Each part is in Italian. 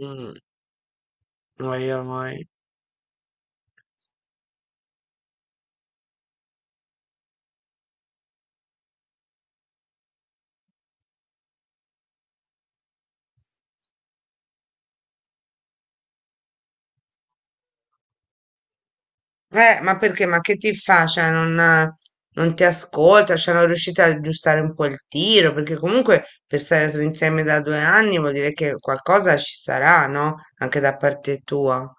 Mm, oi, oi. Ma perché? Ma che ti fa? Cioè, non ti ascolta, cioè, non riuscite ad aggiustare un po' il tiro, perché comunque per stare insieme da 2 anni vuol dire che qualcosa ci sarà, no? Anche da parte tua.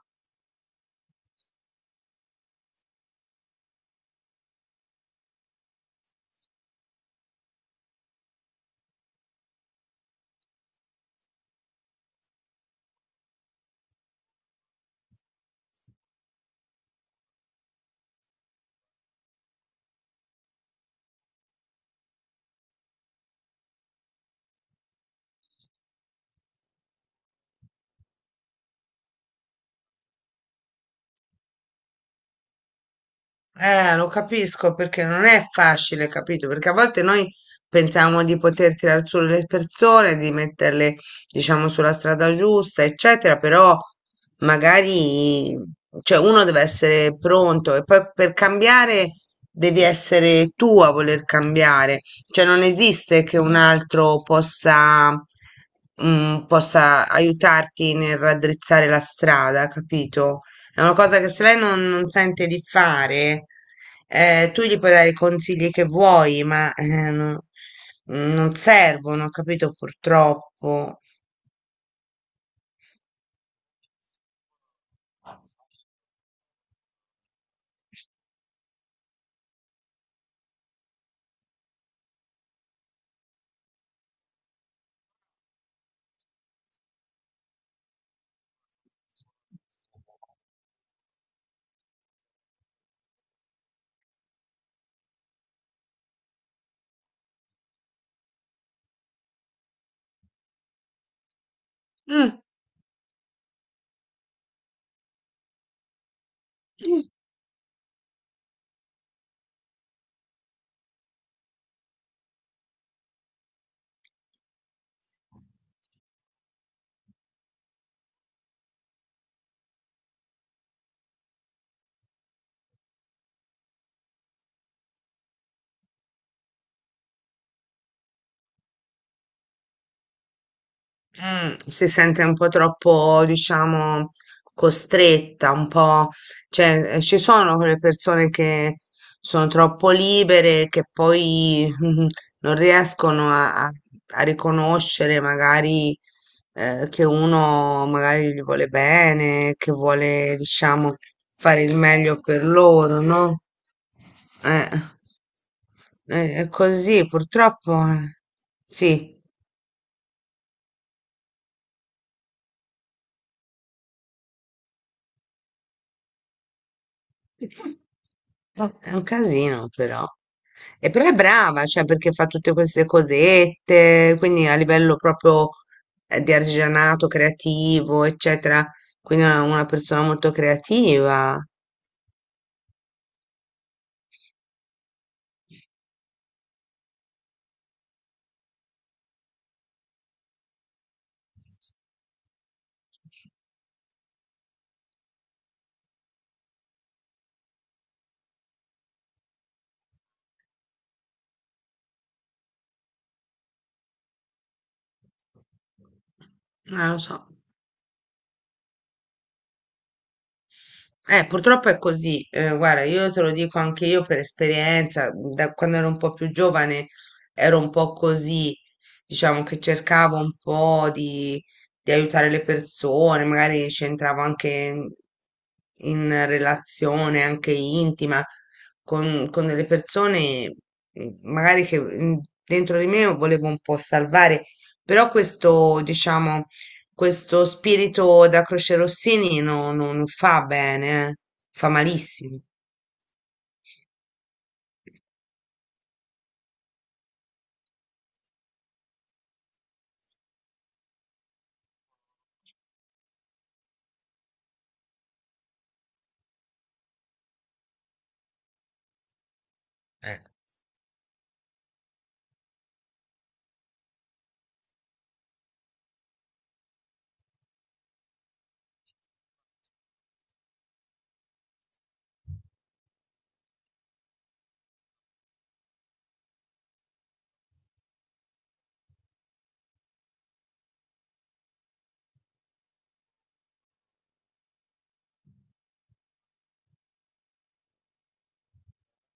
Lo capisco perché non è facile, capito? Perché a volte noi pensiamo di poter tirar su le persone, di metterle, diciamo, sulla strada giusta, eccetera, però magari, cioè, uno deve essere pronto e poi per cambiare devi essere tu a voler cambiare, cioè non esiste che un altro possa, possa aiutarti nel raddrizzare la strada, capito? È una cosa che se lei non sente di fare, tu gli puoi dare i consigli che vuoi, ma non servono, capito? Purtroppo. Mm. Mm, si sente un po' troppo, diciamo, costretta, un po', cioè, ci sono quelle persone che sono troppo libere, che poi non riescono a, a riconoscere magari che uno magari gli vuole bene, che vuole, diciamo, fare il meglio per loro, no? Eh, eh, è così, purtroppo, sì. Oh, è un casino però. E però è brava, cioè perché fa tutte queste cosette, quindi a livello proprio di artigianato creativo, eccetera. Quindi è una persona molto creativa. Non lo so. Purtroppo è così. Guarda, io te lo dico anche io per esperienza, da quando ero un po' più giovane ero un po' così, diciamo che cercavo un po' di aiutare le persone, magari c'entravo anche in relazione anche intima con delle persone, magari che dentro di me volevo un po' salvare, però questo, diciamo questo spirito da Croce Rossini non fa bene, fa malissimo.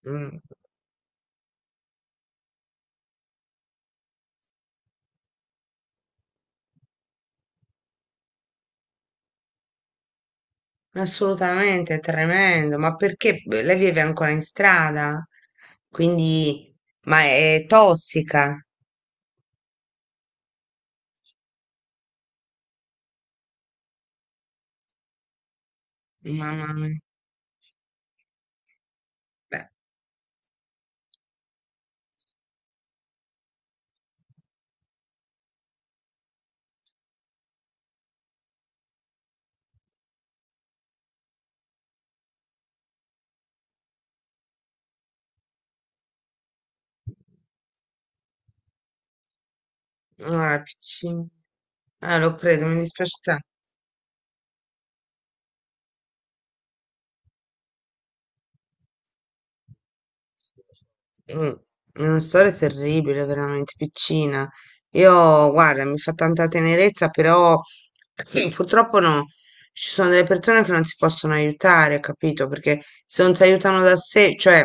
Mm. Assolutamente, è tremendo. Ma perché beh, lei vive ancora in strada? Quindi, ma è tossica. Mamma mia. Beh, allora, piccina. Ah, lo credo, mi dispiace. Mh, è una storia terribile, veramente, piccina. Io, guarda, mi fa tanta tenerezza, però purtroppo no, ci sono delle persone che non si possono aiutare, capito? Perché se non si aiutano da sé, cioè,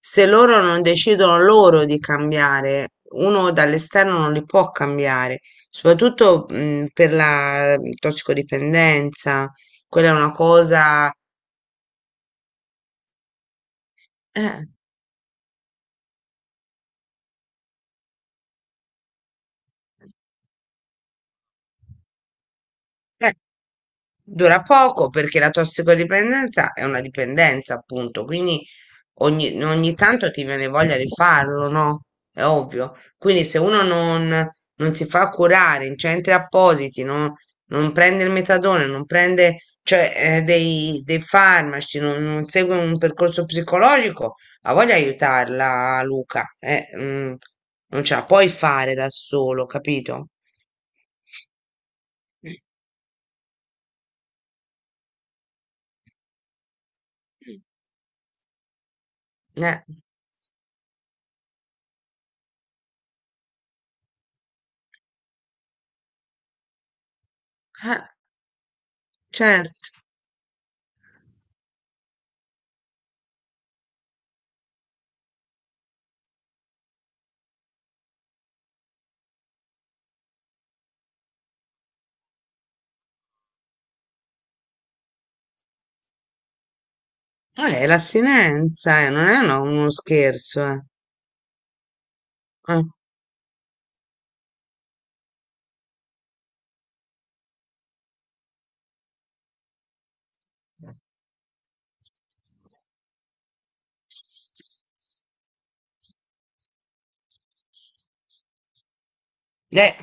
se loro non decidono loro di cambiare, uno dall'esterno non li può cambiare, soprattutto, per la tossicodipendenza, quella è una cosa. Eh. eh, Dura poco perché la tossicodipendenza è una dipendenza, appunto, quindi ogni tanto ti viene voglia di farlo, no? È ovvio. Quindi se uno non si fa curare in centri appositi, non prende il metadone, non prende, cioè, dei farmaci, non segue un percorso psicologico, ha voglia di aiutarla, Luca. Non ce la puoi fare da solo, capito? Eh, eh, certo. L'astinenza, non è uno scherzo, eh. Eh. Eh.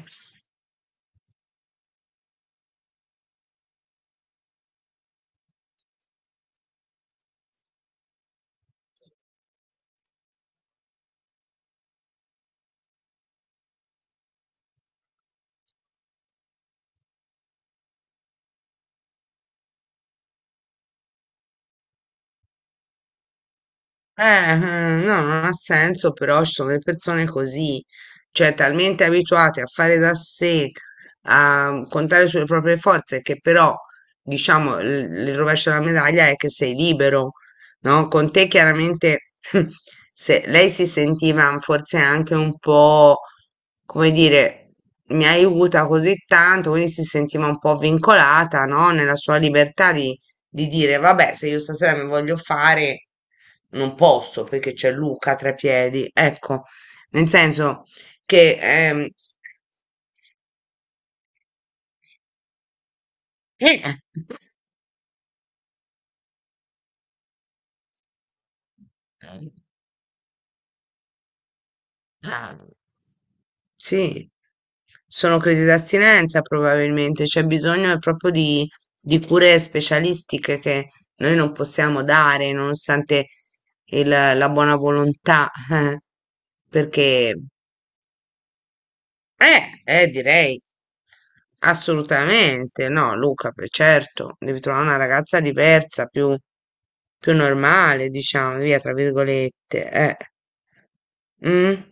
No, non ha senso, però ci sono le persone così, cioè talmente abituate a fare da sé, a contare sulle proprie forze, che però, diciamo, il rovescio della medaglia è che sei libero, no? Con te chiaramente se, lei si sentiva forse anche un po', come dire, mi aiuta così tanto, quindi si sentiva un po' vincolata, no? Nella sua libertà di dire vabbè, se io stasera mi voglio fare, non posso perché c'è Luca tra i piedi. Ecco, nel senso che eh, sì, sono crisi d'astinenza probabilmente, c'è bisogno proprio di cure specialistiche che noi non possiamo dare, nonostante la buona volontà, perché direi. Assolutamente, no Luca, certo, devi trovare una ragazza diversa, più normale, diciamo, via, tra virgolette, eh. Mm?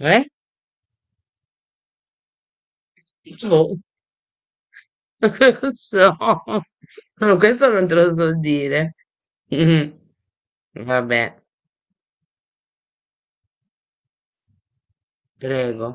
Eh? Boh. Non so, questo non te lo so dire. Mm. Vabbè, prego.